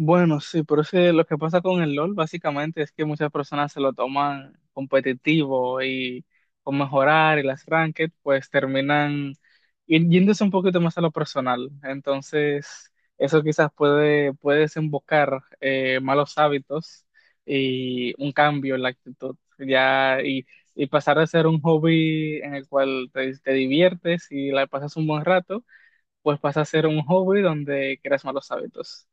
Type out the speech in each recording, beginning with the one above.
Bueno, sí, pero es que lo que pasa con el LOL básicamente es que muchas personas se lo toman competitivo y con mejorar y las ranked, pues terminan yéndose un poquito más a lo personal. Entonces, eso quizás puede desembocar malos hábitos y un cambio en la actitud. Ya, y pasar de ser un hobby en el cual te diviertes y la pasas un buen rato, pues pasa a ser un hobby donde creas malos hábitos.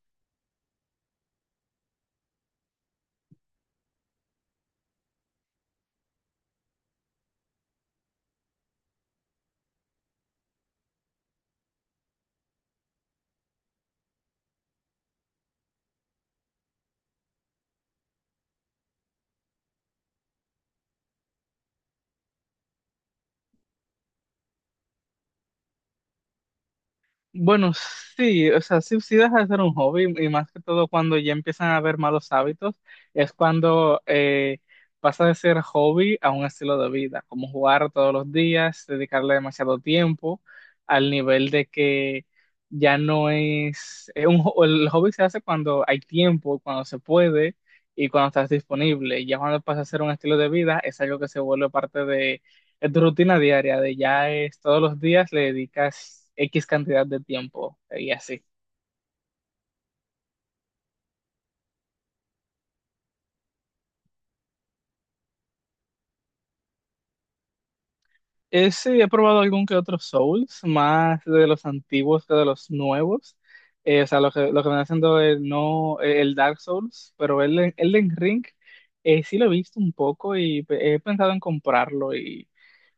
Bueno, sí, o sea, sí, sí deja de ser un hobby y más que todo cuando ya empiezan a haber malos hábitos, es cuando pasa de ser hobby a un estilo de vida, como jugar todos los días, dedicarle demasiado tiempo al nivel de que ya no es, es el hobby se hace cuando hay tiempo, cuando se puede y cuando estás disponible. Ya cuando pasa a ser un estilo de vida, es algo que se vuelve parte, es tu rutina diaria, de ya es todos los días le dedicas X cantidad de tiempo y así. Sí, he probado algún que otro Souls, más de los antiguos que de los nuevos. O sea, lo que me haciendo el, no, el Dark Souls, pero el Elden Ring sí lo he visto un poco y he pensado en comprarlo. Y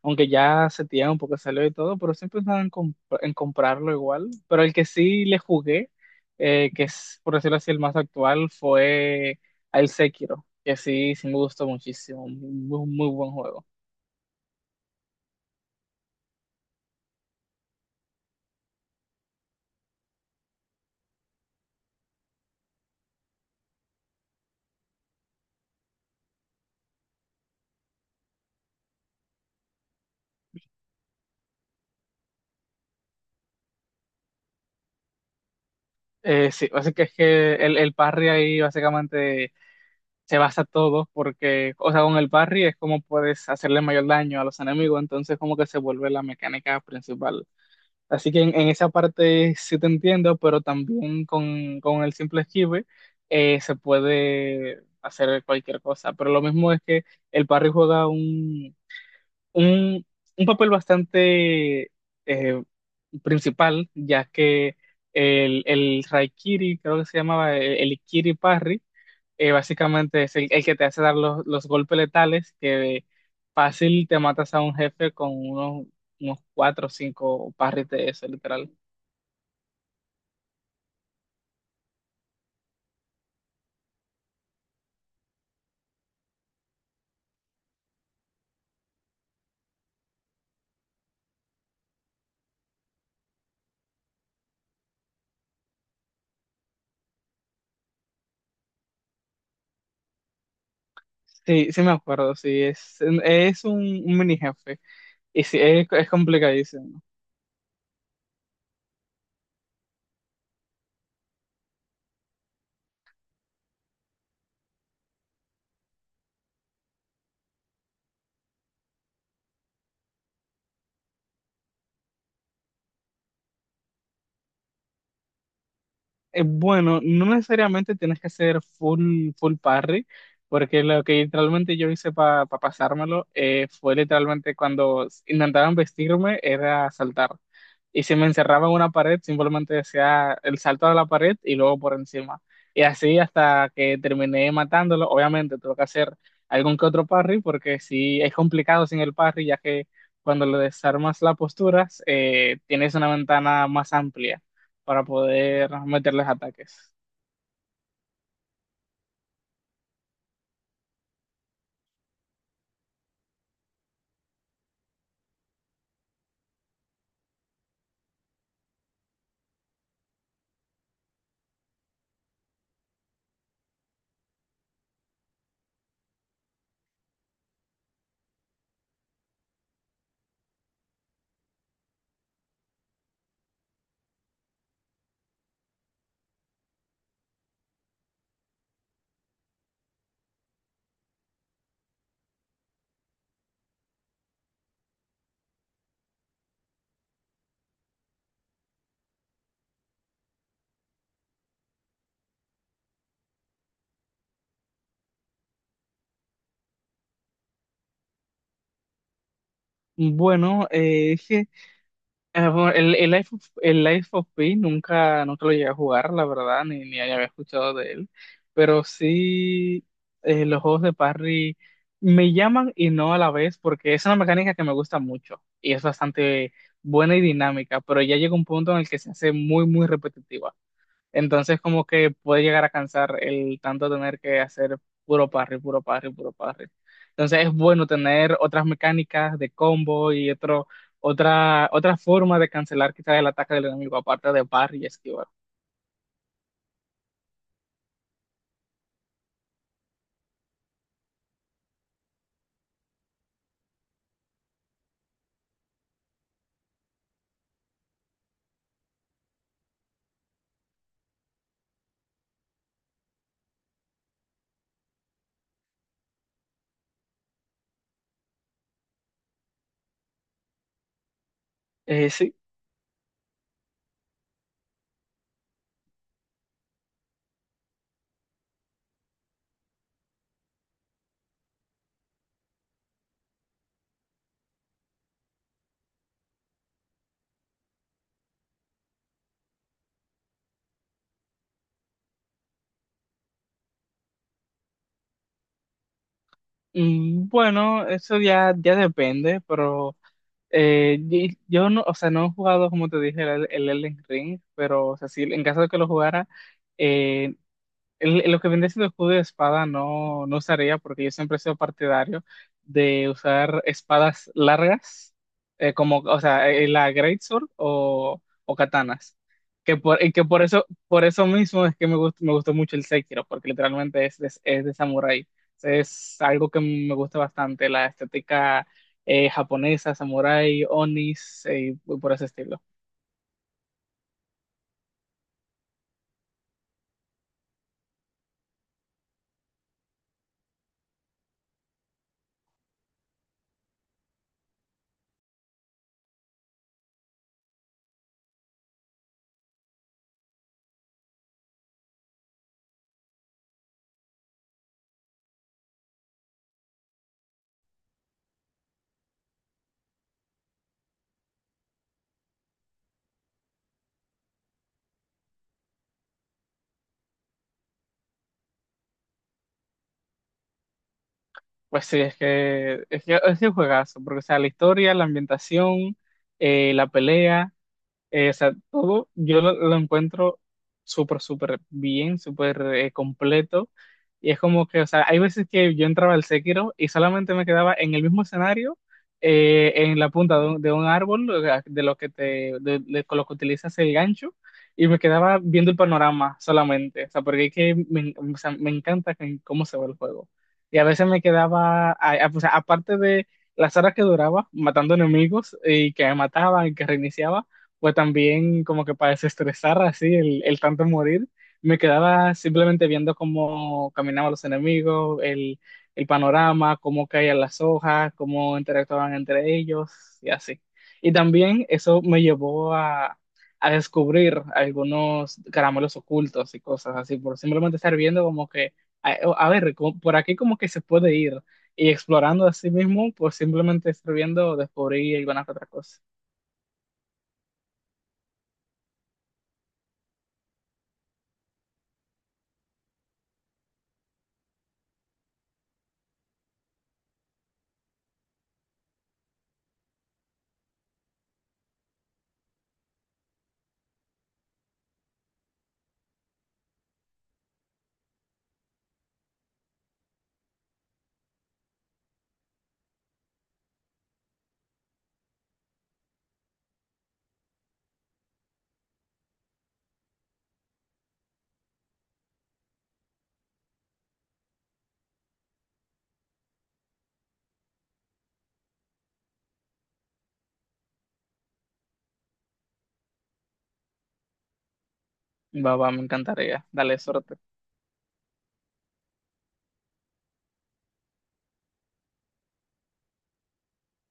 aunque ya hace tiempo que salió y todo, pero sí he pensado en, en comprarlo igual. Pero el que sí le jugué, que es por decirlo así el más actual, fue el Sekiro, que sí, sí me gustó muchísimo. Muy, muy buen juego. Sí, así que es que el parry ahí básicamente se basa todo, porque, o sea, con el parry es como puedes hacerle mayor daño a los enemigos, entonces como que se vuelve la mecánica principal. Así que en esa parte sí te entiendo, pero también con el simple esquive se puede hacer cualquier cosa. Pero lo mismo es que el parry juega un, un papel bastante eh, principal, ya que el Raikiri, creo que se llamaba Ikiri Parry, básicamente es el que te hace dar los golpes letales, que fácil te matas a un jefe con unos, unos cuatro o cinco parries de eso, literal. Sí, sí me acuerdo, sí, es un mini jefe, y sí, es complicadísimo. Bueno, no necesariamente tienes que hacer full parry, porque lo que literalmente yo hice para pasármelo fue literalmente cuando intentaban vestirme era saltar. Y si me encerraba en una pared, simplemente decía el salto a la pared y luego por encima. Y así hasta que terminé matándolo. Obviamente tuve que hacer algún que otro parry, porque sí es complicado sin el parry, ya que cuando le desarmas las posturas, tienes una ventana más amplia para poder meterles ataques. Bueno, es que bueno, el el Life of Pi nunca, nunca lo llegué a jugar, la verdad, ni había escuchado de él, pero sí los juegos de parry me llaman y no a la vez, porque es una mecánica que me gusta mucho y es bastante buena y dinámica, pero ya llega un punto en el que se hace muy, muy repetitiva. Entonces, como que puede llegar a cansar el tanto tener que hacer puro parry, puro parry, puro parry. Entonces, es bueno tener otras mecánicas de combo y otra forma de cancelar quizás el ataque del enemigo, aparte de parry y esquivar. Sí. Mm, bueno, eso ya, ya depende, pero yo no, o sea, no he jugado, como te dije, el Elden Ring, pero o sea, sí, en caso de que lo jugara, eh, lo que viene siendo el escudo de espada no, no usaría porque yo siempre he sido partidario de usar espadas largas, como, o sea, la greatsword o katanas. Y que por eso mismo es que me gustó mucho el Sekiro, porque literalmente es de samurái. Es algo que me gusta bastante, la estética japonesa, samurái, onis, y por ese estilo. Pues sí, es que es que es un juegazo, porque o sea, la historia, la ambientación, la pelea. O sea, todo yo lo encuentro súper, súper bien, súper completo. Y es como que, o sea, hay veces que yo entraba al Sekiro y solamente me quedaba en el mismo escenario, en la punta de de un árbol, o sea, de lo que te, con lo que utilizas el gancho, y me quedaba viendo el panorama solamente. O sea, porque es que me, o sea, me encanta que, cómo se ve el juego. Y a veces me quedaba, o sea, aparte de las horas que duraba matando enemigos y que me mataban y que reiniciaba o también como que para desestresar así el tanto morir, me quedaba simplemente viendo cómo caminaban los enemigos, el panorama, cómo caían las hojas, cómo interactuaban entre ellos y así. Y también eso me llevó a descubrir algunos caramelos ocultos y cosas así, por simplemente estar viendo como que, a, a ver, como, por aquí como que se puede ir. Y explorando a sí mismo, por simplemente estar viendo, descubrí alguna que otra cosa. Va, va, me encantaría. Dale, suerte.